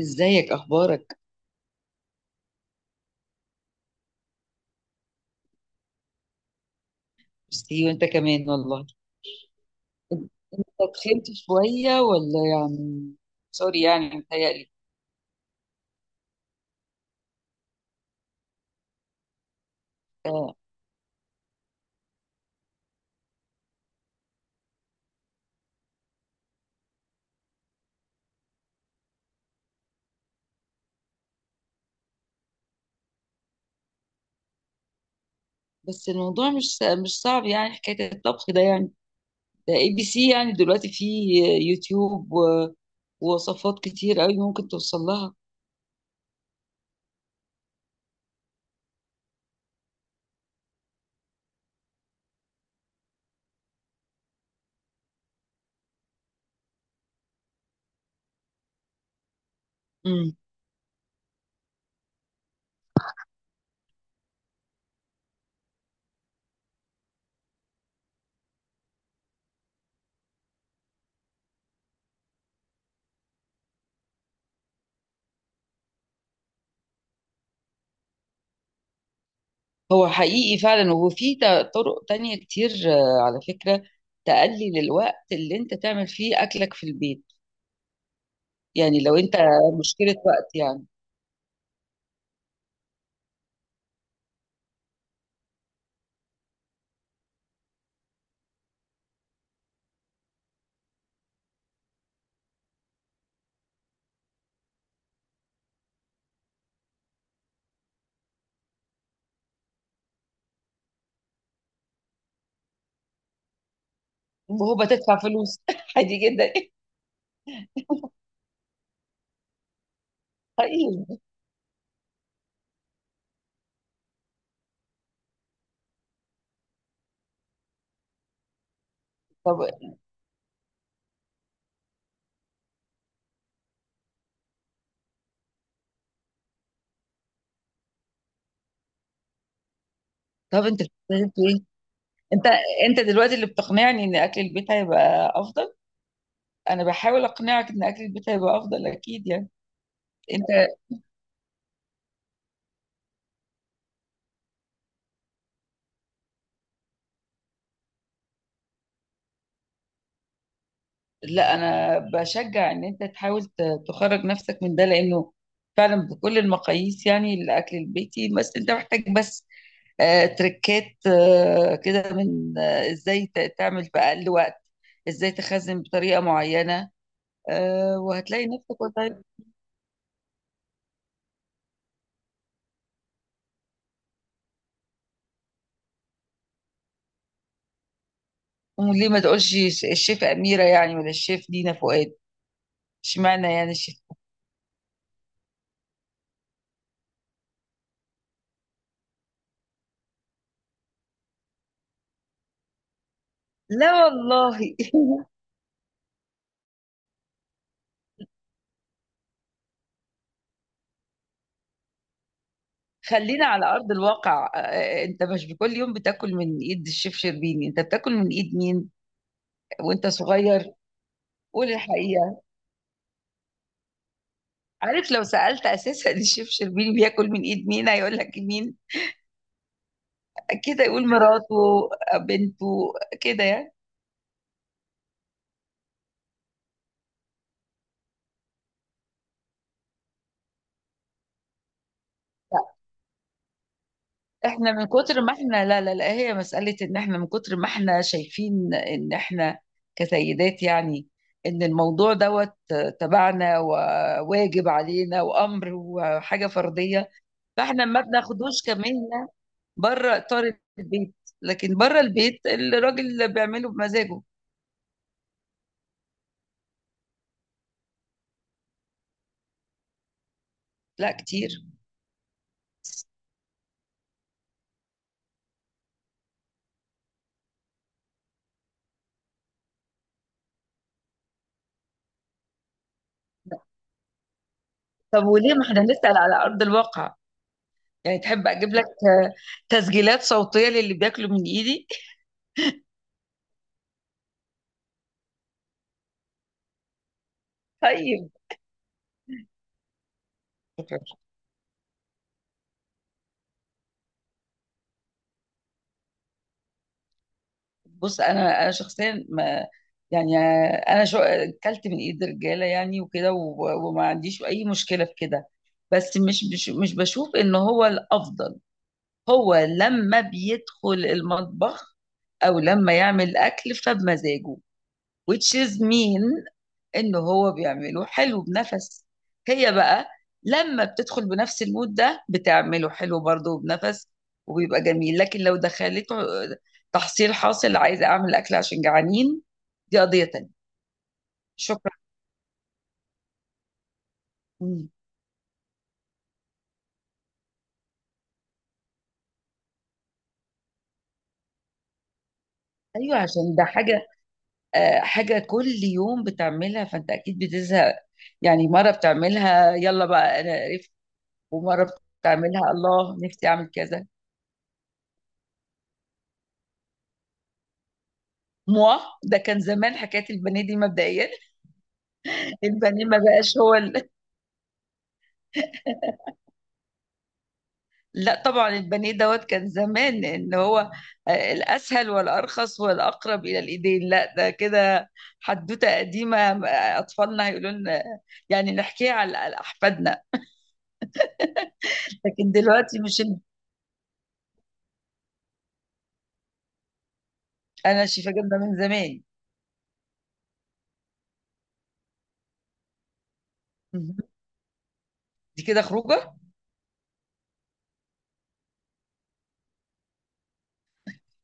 ازيك، اخبارك؟ ميرسي، وانت كمان والله. إنت تخنت شويه، ولا يعني سوري يعني متهيألي. آه. بس الموضوع مش صعب يعني، حكايه الطبخ ده يعني، ده ABC. يعني دلوقتي في يوتيوب ووصفات كتير قوي ممكن توصل لها. امم هو حقيقي فعلا، وفي طرق تانية كتير على فكره، تقلل الوقت اللي انت تعمل فيه اكلك في البيت. يعني لو انت مشكله وقت يعني. وهو بتدفع فلوس عادي جدا. طيب. طب طب انت بتستهدف ايه؟ انت انت دلوقتي اللي بتقنعني ان اكل البيت هيبقى افضل. انا بحاول اقنعك ان اكل البيت هيبقى افضل اكيد يعني. انت. لا، انا بشجع ان انت تحاول تخرج نفسك من ده، لانه فعلا بكل المقاييس يعني الاكل البيتي. بس انت محتاج، بس تركات كده من ازاي تعمل في اقل وقت، ازاي تخزن بطريقة معينة. وهتلاقي نفسك. وليه ما تقولش الشيف أميرة يعني، ولا الشيف دينا فؤاد؟ اشمعنى يعني الشيف؟ لا والله. خلينا على أرض الواقع. أنت مش بكل يوم بتاكل من إيد الشيف شربيني، أنت بتاكل من إيد مين وأنت صغير؟ قول الحقيقة. عارف لو سألت أساسا الشيف شربيني بياكل من إيد مين، هيقول لك مين؟ كده يقول مراته، بنته، كده يعني. احنا من كتر ما احنا، لا لا لا، هي مسألة ان احنا من كتر ما احنا شايفين ان احنا كسيدات، يعني ان الموضوع دوت تبعنا وواجب علينا وامر وحاجة فردية. فاحنا ما بناخدوش كمهنة بره اطار البيت. لكن بره البيت الراجل اللي بيعمله بمزاجه. لا، كتير. طب وليه ما احنا نسأل على ارض الواقع؟ يعني تحب اجيب لك تسجيلات صوتية للي بياكلوا من ايدي؟ طيب. بص، انا شخصيا ما يعني، انا شو اكلت من ايد رجاله يعني وكده، وما عنديش اي مشكله في كده. بس مش بشوف ان هو الافضل. هو لما بيدخل المطبخ او لما يعمل اكل فبمزاجه، which is mean إن هو بيعمله حلو بنفس. هي بقى لما بتدخل بنفس المود ده بتعمله حلو برضه بنفس، وبيبقى جميل. لكن لو دخلته تحصيل حاصل، عايزة أعمل أكل عشان جعانين، دي قضية تانية. شكرا. مم. أيوة، عشان ده حاجة حاجة كل يوم بتعملها، فأنت أكيد بتزهق. يعني مرة بتعملها يلا بقى أنا قرفت، ومرة بتعملها الله نفسي أعمل كذا. موا، ده كان زمان حكاية البانيه دي مبدئيا. البانيه ما بقاش هو. لا طبعا البانيه دوت كان زمان ان هو الاسهل والارخص والأقرب إلى الإيدين. لا، ده كده حدوتة قديمة، أطفالنا هيقولوا لنا، يعني نحكيها على أحفادنا. لكن دلوقتي مش. أنا شايفة جبنة من زمان. مهم. دي كده خروجة؟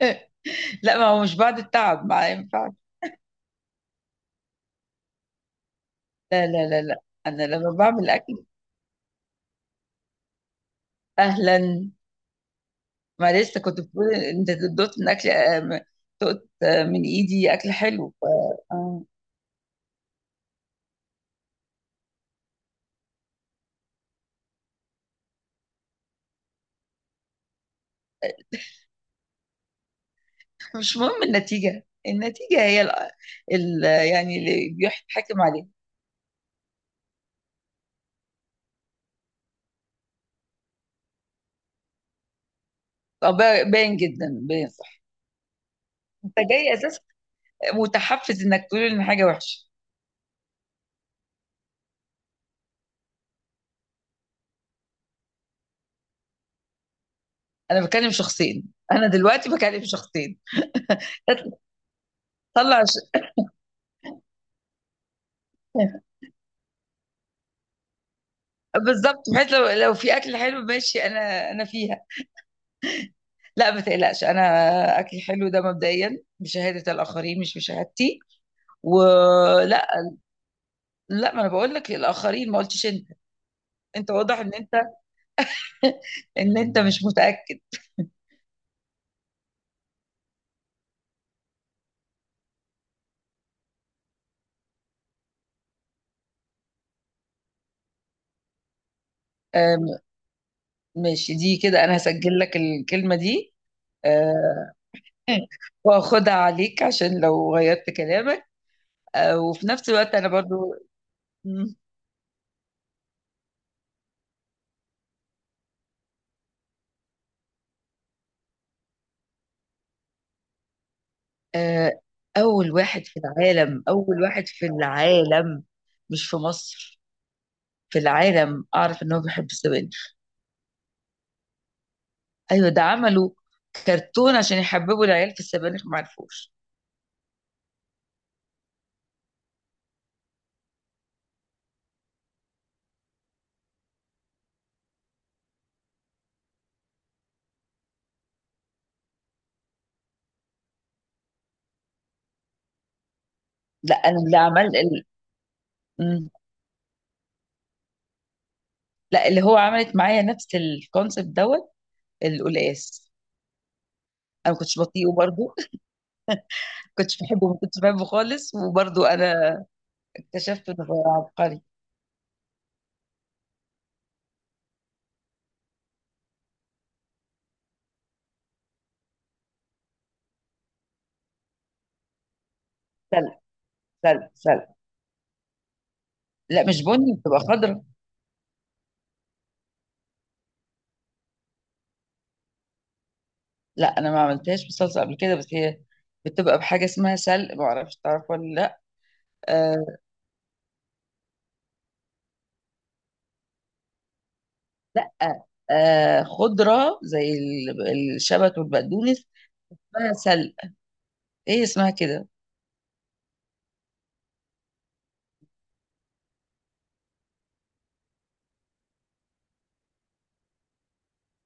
لا، ما هو مش بعد التعب ما ينفعش. لا لا لا لا، أنا لما بعمل أكل. أهلا. ما لسه كنت بتقول أنت دوت من أكل دقت من إيدي أكل حلو. آه. مش مهم النتيجة هي ال يعني اللي بيحكم عليها. باين جدا، باين صح. انت جاي اساسا متحفز انك تقول ان حاجة وحشة. انا بكلم شخصين، انا دلوقتي بكلم شخصين. طلع ش... بالظبط، بحيث لو في اكل حلو ماشي، انا فيها. لا ما تقلقش، انا اكل حلو ده مبدئيا بشهادة الاخرين مش بشهادتي. ولا. لا، ما انا بقول لك للاخرين، ما قلتش انت. انت واضح ان انت ان انت مش متاكد. آم، ماشي. دي كده انا هسجل لك الكلمة دي، آه، واخدها عليك عشان لو غيرت كلامك. وفي نفس الوقت انا برضو. مم. آه، اول واحد في العالم، اول واحد في العالم. مش في مصر، في العالم. اعرف ان هو بيحب السبانخ. ايوه، ده عملوا كرتون عشان يحببوا العيال في السبانخ، ما عرفوش. لا انا اللي عمل. مم. لا، اللي هو عملت معايا نفس الكونسيبت دوت، القلقاس. انا ما كنتش بطيئه برضو، كنتش بحبه، ما كنتش بحبه خالص. وبرضه انا اكتشفت انه غير عبقري. سلق، سلق، سلق. لا مش بني، بتبقى خضرا. لا، انا ما عملتهاش بصلصه قبل كده، بس هي بتبقى بحاجه اسمها سلق، ما اعرفش تعرف ولا لا. آه. لا، آه، خضره زي الشبت والبقدونس. اسمها سلق، ايه اسمها كده.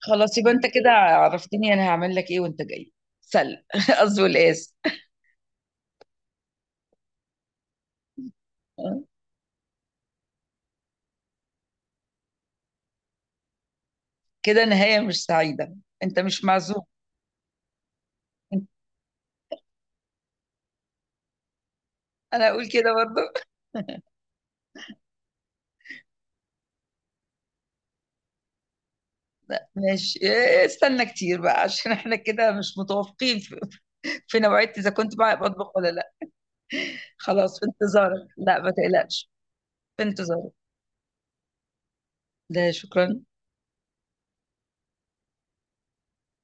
خلاص، يبقى انت كده عرفتني انا هعمل لك ايه وانت جاي، سلق. قصدي والاس. كده نهايه مش سعيده، انت مش معزوم. انا اقول كده برضه. ماشي. استنى كتير بقى، عشان احنا كده مش متوافقين في, في نوعية اذا كنت بقى بطبخ ولا لا. خلاص، في انتظارك. لا ما تقلقش، في انتظارك. ده شكرا.